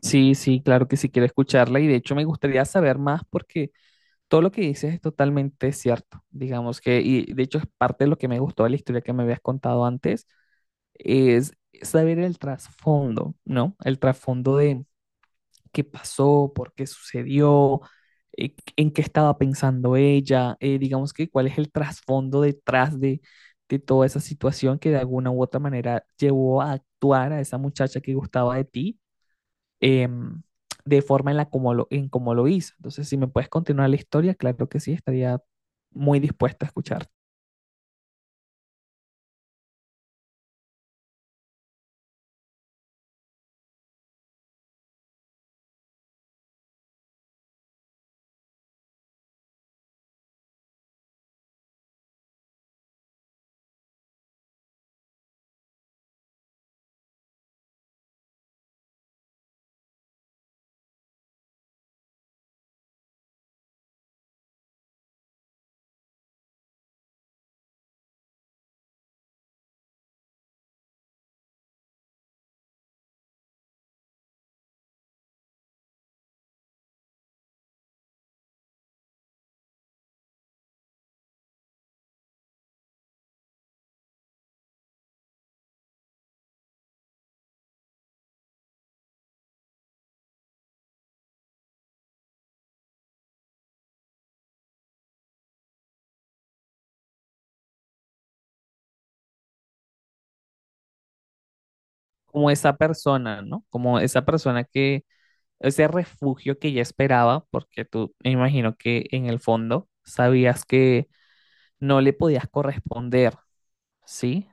Sí, sí, claro que sí quiero escucharla, y de hecho me gustaría saber más porque todo lo que dices es totalmente cierto, digamos que, y de hecho es parte de lo que me gustó de la historia que me habías contado antes, es saber el trasfondo, ¿no? El trasfondo de qué pasó, por qué sucedió, en qué estaba pensando ella, digamos que cuál es el trasfondo detrás de toda esa situación que de alguna u otra manera llevó a actuar a esa muchacha que gustaba de ti, em, de forma en en cómo lo hizo. Entonces, si me puedes continuar la historia, claro que sí, estaría muy dispuesta a escuchar. Como esa persona, ¿no? Como esa persona que, ese refugio que ya esperaba, porque tú, me imagino que en el fondo sabías que no le podías corresponder, ¿sí?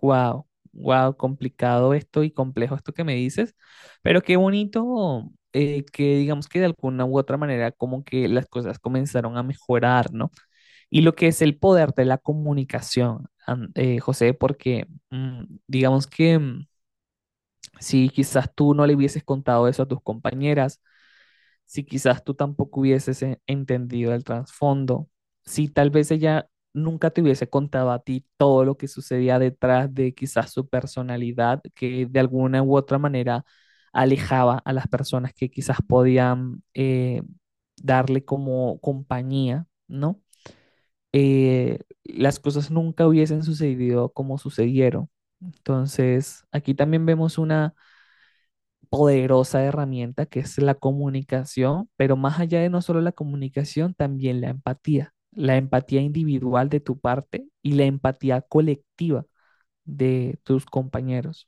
Wow, wow, complicado esto y complejo esto que me dices, pero qué bonito, que digamos que de alguna u otra manera como que las cosas comenzaron a mejorar, ¿no? Y lo que es el poder de la comunicación, José, porque digamos que, si quizás tú no le hubieses contado eso a tus compañeras, si quizás tú tampoco hubieses entendido el trasfondo, si tal vez ella nunca te hubiese contado a ti todo lo que sucedía detrás de quizás su personalidad, que de alguna u otra manera alejaba a las personas que quizás podían darle como compañía, ¿no? Las cosas nunca hubiesen sucedido como sucedieron. Entonces, aquí también vemos una poderosa herramienta que es la comunicación, pero más allá de no solo la comunicación, también la empatía individual de tu parte y la empatía colectiva de tus compañeros.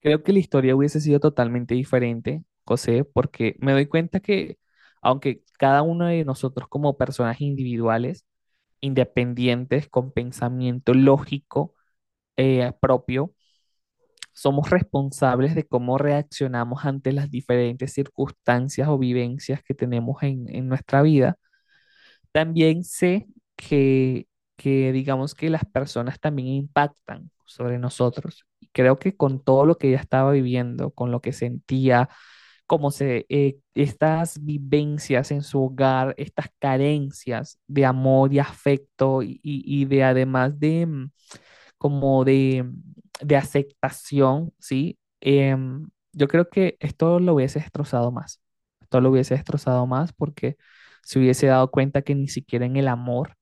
Creo que la historia hubiese sido totalmente diferente, José, porque me doy cuenta que aunque cada uno de nosotros, como personajes individuales independientes, con pensamiento lógico propio, somos responsables de cómo reaccionamos ante las diferentes circunstancias o vivencias que tenemos en nuestra vida. También sé que, que digamos que las personas también impactan sobre nosotros. Creo que con todo lo que ella estaba viviendo, con lo que sentía, cómo se, estas vivencias en su hogar, estas carencias de amor y afecto y, y de además de, como de, mm, de aceptación, ¿sí? Yo creo que esto lo hubiese destrozado más, esto lo hubiese destrozado más porque se hubiese dado cuenta que ni siquiera en el amor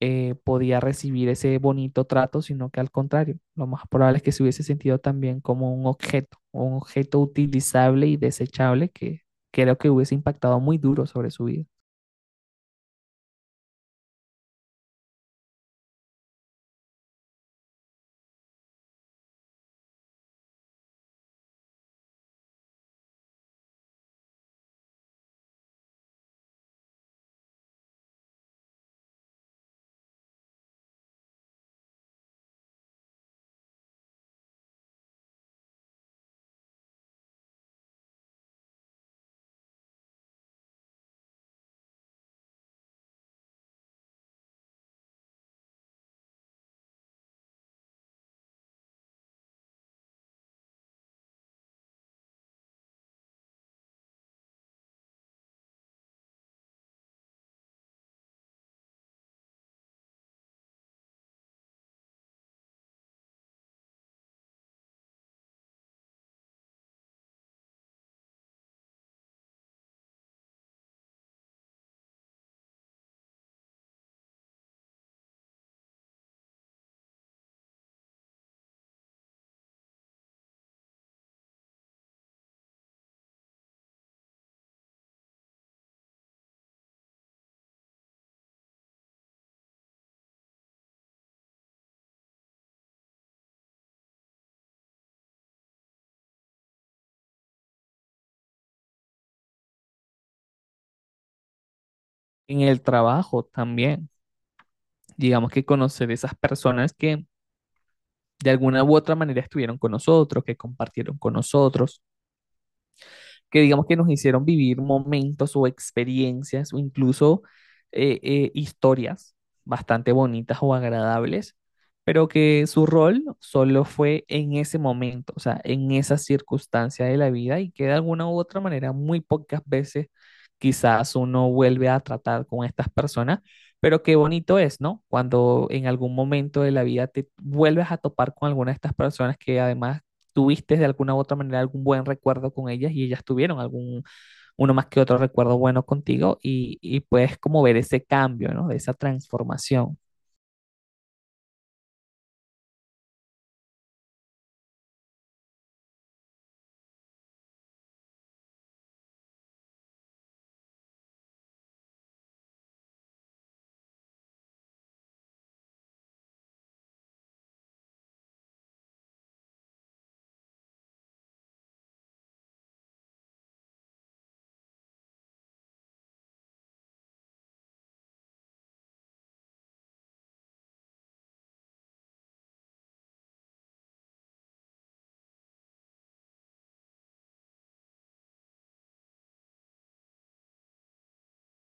podía recibir ese bonito trato, sino que al contrario, lo más probable es que se hubiese sentido también como un objeto utilizable y desechable, que creo que hubiese impactado muy duro sobre su vida. En el trabajo también, digamos que conocer esas personas que de alguna u otra manera estuvieron con nosotros, que compartieron con nosotros, que digamos que nos hicieron vivir momentos o experiencias o incluso historias bastante bonitas o agradables, pero que su rol solo fue en ese momento, o sea, en esa circunstancia de la vida, y que de alguna u otra manera muy pocas veces quizás uno vuelve a tratar con estas personas, pero qué bonito es, ¿no? Cuando en algún momento de la vida te vuelves a topar con alguna de estas personas que además tuviste de alguna u otra manera algún buen recuerdo con ellas, y ellas tuvieron algún, uno más que otro recuerdo bueno contigo, y puedes como ver ese cambio, ¿no? De esa transformación.